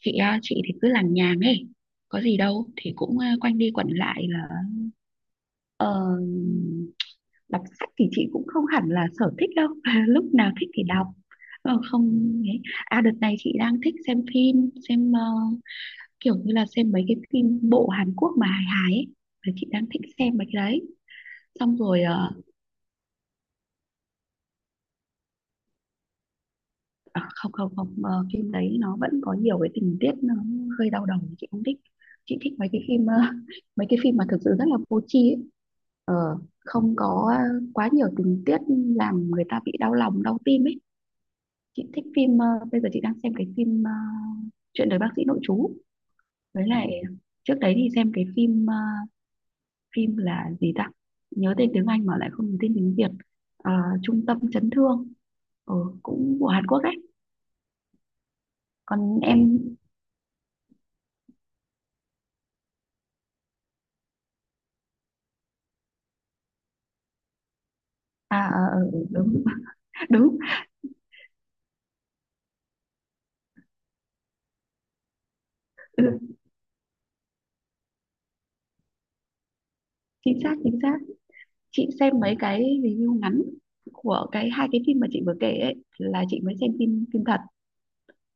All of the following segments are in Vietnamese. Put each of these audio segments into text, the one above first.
Chị à, chị thì cứ làm nhàng ấy, có gì đâu thì cũng quanh đi quẩn lại là ờ, đọc sách thì chị cũng không hẳn là sở thích đâu. Lúc nào thích thì đọc. Không ấy. À, đợt này chị đang thích xem phim, xem kiểu như là xem mấy cái phim bộ Hàn Quốc mà hài hài ấy. Là chị đang thích xem mấy cái đấy. Xong rồi à, không không không, phim đấy nó vẫn có nhiều cái tình tiết nó hơi đau đầu, chị không thích. Chị thích mấy cái phim, mấy cái phim mà thực sự rất là vô tri ấy. Ờ, Không có quá nhiều tình tiết làm người ta bị đau lòng đau tim ấy. Chị thích phim, bây giờ chị đang xem cái phim, chuyện đời bác sĩ nội trú. Với lại trước đấy thì xem cái phim, phim là gì ta, nhớ tên tiếng Anh mà lại không nhớ tên tiếng Việt. Ờ, Trung tâm chấn thương. Ờ, Cũng của Hàn Quốc ấy. Còn em... À, ờ, ờ, ừ, đúng, đúng, ừ, chính xác, chính xác. Chị xem mấy cái review ngắn của cái hai cái phim mà chị vừa kể ấy, là chị mới xem phim phim thật.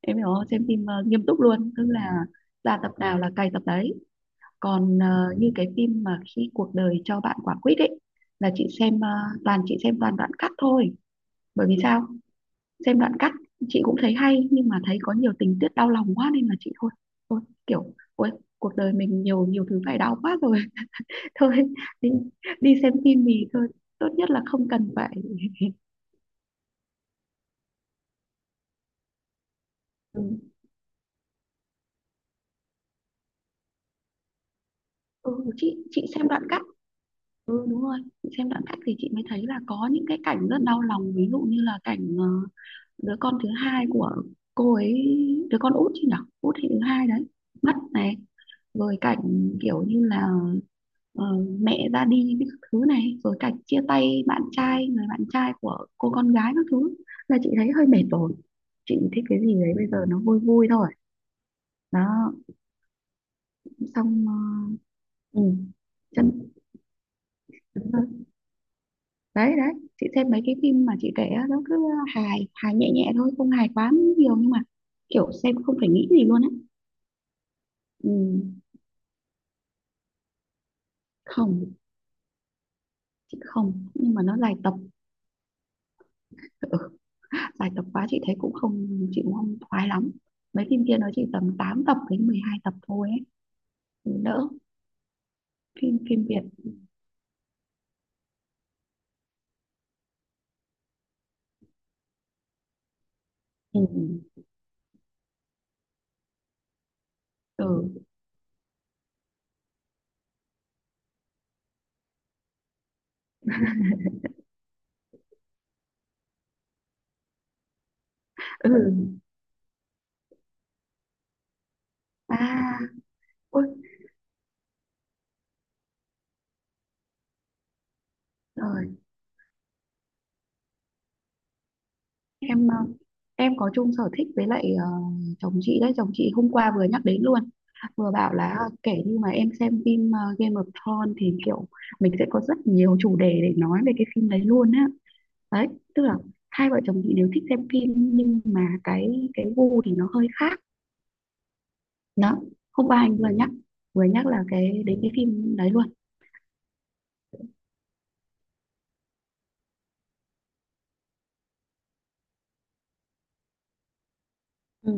Em hiểu không? Xem phim, nghiêm túc luôn, tức là ra tập nào là cày tập đấy. Còn như cái phim mà khi cuộc đời cho bạn quả quýt ấy, là chị xem, toàn chị xem toàn đoạn cắt thôi. Bởi vì sao? Xem đoạn cắt chị cũng thấy hay nhưng mà thấy có nhiều tình tiết đau lòng quá nên là chị thôi, thôi kiểu, ôi, cuộc đời mình nhiều nhiều thứ phải đau quá rồi, thôi đi, đi xem phim thì thôi, tốt nhất là không cần phải... Ừ, ừ, chị xem đoạn cắt. Ừ, đúng rồi, chị xem đoạn cắt thì chị mới thấy là có những cái cảnh rất đau lòng, ví dụ như là cảnh, đứa con thứ hai của cô ấy, đứa con út chứ nhở, út thì thứ hai đấy, mất này. Rồi cảnh kiểu như là, ờ, mẹ ra đi với các thứ này, rồi cảnh chia tay bạn trai, người bạn trai của cô con gái các thứ, là chị thấy hơi mệt rồi. Chị thích cái gì đấy bây giờ nó vui vui thôi. Đó. Xong ừ. Chân... đúng rồi, đấy đấy. Chị xem mấy cái phim mà chị kể á, nó cứ hài hài nhẹ nhẹ thôi, không hài quá nhiều nhưng mà kiểu xem không phải nghĩ gì luôn á. Ừ, không, chị không, nhưng mà nó dài tập. Ừ, dài tập quá chị thấy cũng không, chị cũng không khoái lắm. Mấy phim kia nó chỉ tầm 8 tập đến 12 tập thôi ấy. Ừ, đỡ. Phim phim Việt... ừ ừ ừ, à, ôi trời. Em ờ, em có chung sở thích với lại, chồng chị đấy. Chồng chị hôm qua vừa nhắc đến luôn, vừa bảo là kể như mà em xem phim, Game of Thrones thì kiểu mình sẽ có rất nhiều chủ đề để nói về cái phim đấy luôn á. Đấy, tức là hai vợ chồng chị đều thích xem phim nhưng mà cái gu thì nó hơi khác. Đó. Hôm qua anh vừa nhắc, vừa nhắc là cái đến cái phim đấy luôn. Ừ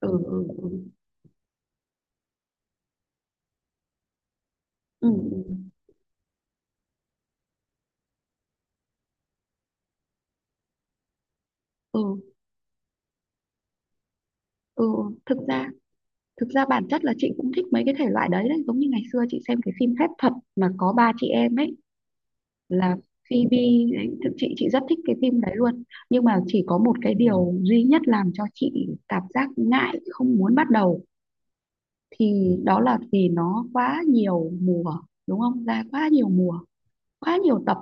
ừ ừ, ừ ừ, ừ. Ừ. Thực ra... Thực ra bản chất là chị cũng thích mấy cái thể loại đấy đấy, giống như ngày xưa chị xem cái phim phép thuật mà có ba chị em ấy, là Phoebe đấy. Thực chị rất thích cái phim đấy luôn. Nhưng mà chỉ có một cái điều duy nhất làm cho chị cảm giác ngại không muốn bắt đầu, thì đó là vì nó quá nhiều mùa, đúng không? Ra quá nhiều mùa, quá nhiều tập,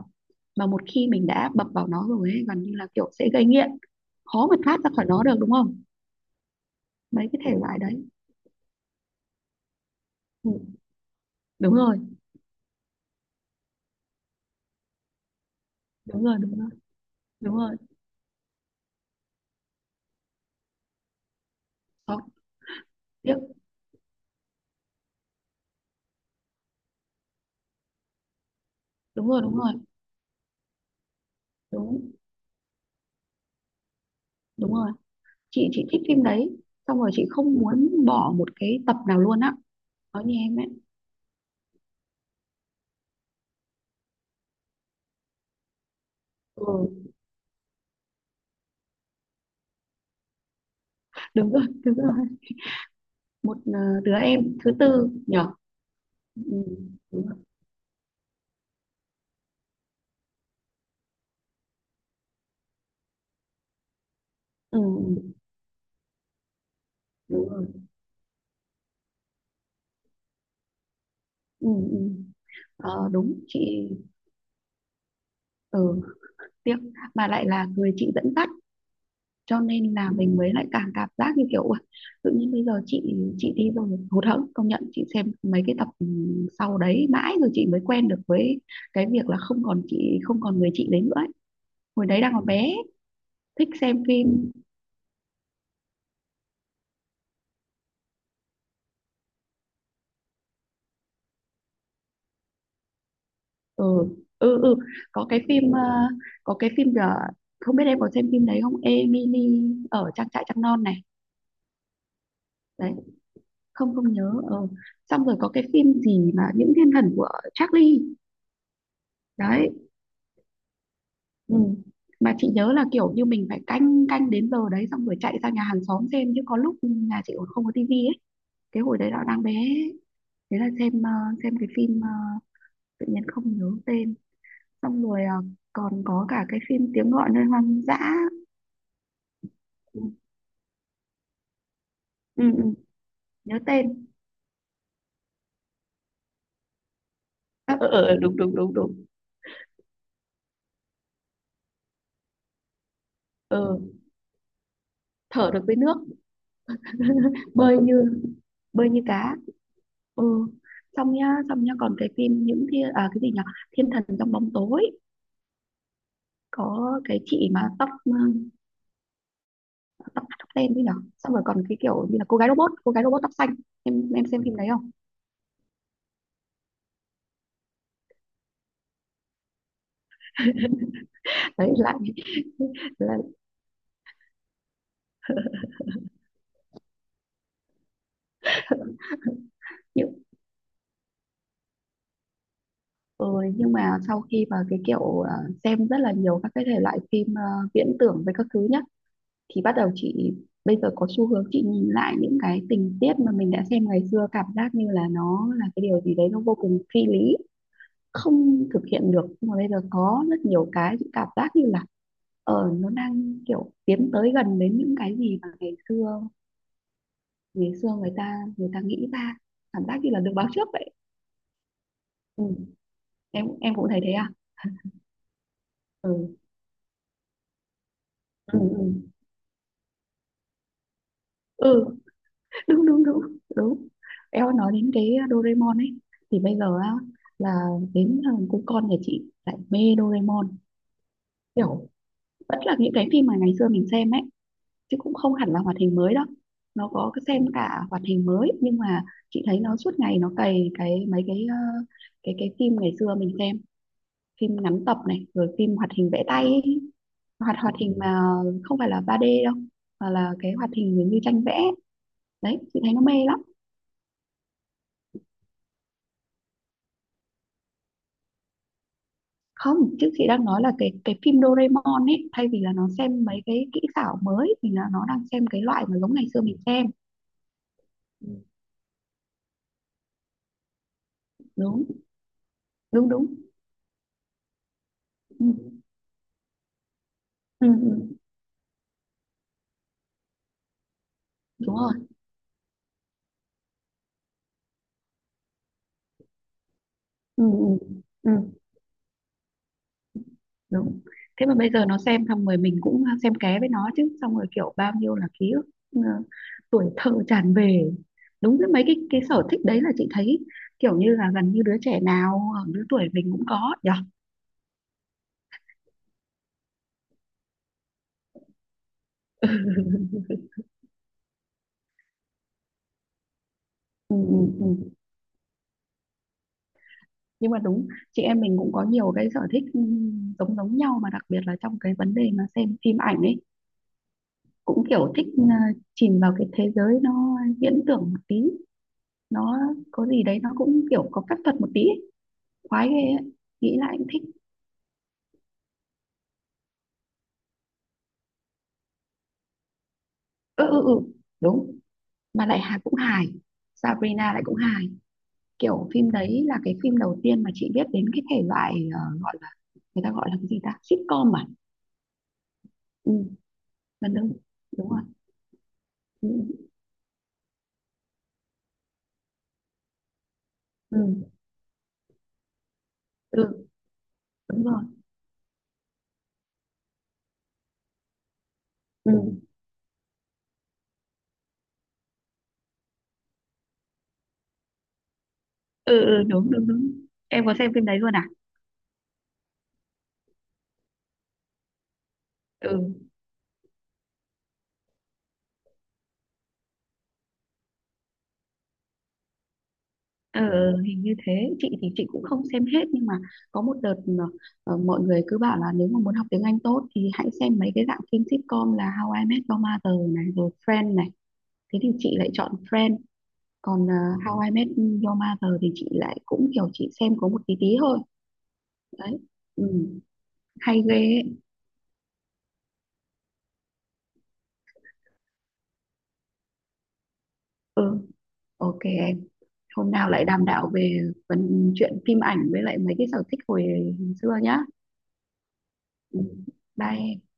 mà một khi mình đã bập vào nó rồi ấy, gần như là kiểu sẽ gây nghiện, khó mà thoát ra khỏi nó được đúng không? Mấy cái thể loại đấy. Ừ, đúng rồi, đúng rồi, đúng rồi, đúng rồi. Có, tiếc. Đúng rồi, đúng rồi, đúng, đúng rồi, chị thích phim đấy, xong rồi chị không muốn bỏ một cái tập nào luôn á. Nói như em ấy. Ừ, đúng rồi, đúng rồi. Một, đứa em thứ tư nhở. Ừ, đúng rồi. Ừ, ừ, đúng rồi. Ừ, ừ. Ờ, đúng chị. Ừ, tiếc. Mà lại là người chị dẫn dắt, cho nên là mình mới lại càng cảm giác như kiểu "Ui, tự nhiên bây giờ chị đi rồi". Hụt hẫng. Công nhận chị xem mấy cái tập, ừ, sau đấy mãi rồi chị mới quen được với cái việc là không còn chị, không còn người chị đấy nữa ấy. Hồi đấy đang còn bé, thích xem phim. Ừ ừ ừ. Có cái phim, có cái phim giờ không biết em có xem phim đấy không, Emily ở trang trại trăng non này. Đấy, không, không nhớ. Ờ. Xong rồi có cái phim gì mà những thiên thần của Charlie. Đấy. Ừ. Mà chị nhớ là kiểu như mình phải canh, canh đến giờ đấy xong rồi chạy ra nhà hàng xóm xem chứ có lúc nhà chị còn không có tivi ấy. Cái hồi đấy là đang bé ấy. Thế là xem, xem cái phim, tự nhiên không nhớ tên. Xong rồi, còn có cả cái phim tiếng gọi nơi hoang dã. Ừ, ừ, ừ, nhớ tên. Ờ, ờ, ờ, đúng đúng đúng đúng. Ờ, thở được với nước. Bơi như, bơi như cá. Ừ. Xong nhá, xong nhá, còn cái phim những thiên, à, cái gì nhỉ, thiên thần trong bóng tối. Có cái chị mà tóc, ừ, tóc tóc đen đi nào, xong rồi còn cái kiểu như là cô gái robot, cô gái robot tóc xanh. Em xem phim đấy không? Đấy lại là... Nhưng, ừ, nhưng mà sau khi mà cái kiểu à, xem rất là nhiều các cái thể loại phim, à, viễn tưởng với các thứ nhá, thì bắt đầu chị, bây giờ có xu hướng chị nhìn lại những cái tình tiết mà mình đã xem ngày xưa, cảm giác như là nó là cái điều gì đấy nó vô cùng phi lý, không thực hiện được, nhưng mà bây giờ có rất nhiều cái chị cảm giác như là nó đang kiểu tiến tới gần đến những cái gì mà ngày xưa, ngày xưa người ta, nghĩ ra, cảm giác như là được báo trước vậy. Ừ. em cũng thấy thế à? Ừ ừ ừ, ừ. Đúng đúng đúng đúng. Em nói đến cái Doraemon ấy, thì bây giờ á, là đến thằng cu con nhà chị lại mê Doraemon, kiểu vẫn là những cái phim mà ngày xưa mình xem ấy, chứ cũng không hẳn là hoạt hình mới đâu. Nó có cái xem cả hoạt hình mới nhưng mà chị thấy nó suốt ngày nó cày cái mấy cái, cái phim ngày xưa mình xem, phim ngắn tập này rồi phim hoạt hình vẽ tay ấy. Hoạt hoạt hình mà không phải là 3D đâu, mà là cái hoạt hình giống như tranh vẽ. Đấy chị thấy nó mê lắm. Không, chứ chị đang nói là cái phim Doraemon ấy, thay vì là nó xem mấy cái kỹ xảo mới thì là nó đang xem cái loại mà giống ngày xưa mình xem. Đúng đúng đúng. Ừ. Ừ. Ừ. Đúng rồi. Ừ. Ừ. Ừ. Đúng. Thế mà bây giờ nó xem xong rồi mình cũng xem ké với nó chứ, xong rồi kiểu bao nhiêu là ký ức, ờ, tuổi thơ tràn về. Đúng, với mấy cái sở thích đấy là chị thấy kiểu như là gần như đứa trẻ nào ở lứa tuổi mình cũng có nhỉ. Ừ, ừ, ừ. Nhưng mà đúng, chị em mình cũng có nhiều cái sở thích, ừ, giống giống nhau mà đặc biệt là trong cái vấn đề mà xem phim ảnh ấy, cũng kiểu thích, ừ, chìm vào cái thế giới nó viễn tưởng một tí, nó có gì đấy nó cũng kiểu có phép thuật một tí ấy. Khoái ghê ấy. Nghĩ lại cũng thích. Ừ ừ ừ, đúng. Mà lại hài, cũng hài. Sabrina lại cũng hài. Kiểu phim đấy là cái phim đầu tiên mà chị biết đến cái thể loại, gọi là, người ta gọi là cái gì ta, sitcom à. Ừ. Gần đúng. Đúng rồi. Ừ ừ ừ, đúng rồi. Ừ ừ ừ, đúng đúng đúng. Em có xem phim đấy luôn à? Ừ. Ờ ờ, hình như thế. Chị thì chị cũng không xem hết, nhưng mà có một đợt mà, ờ, mọi người cứ bảo là nếu mà muốn học tiếng Anh tốt thì hãy xem mấy cái dạng phim sitcom là How I Met Your Mother này rồi Friends này, thế thì chị lại chọn Friends. Còn, How I Met Your Mother thì chị lại cũng kiểu chị xem có một tí tí thôi. Đấy. Ừ. Hay ghê ấy. Ừ. OK em, hôm nào lại đàm đạo về phần chuyện phim ảnh với lại mấy cái sở thích hồi xưa nhá. Ừ. Bye em.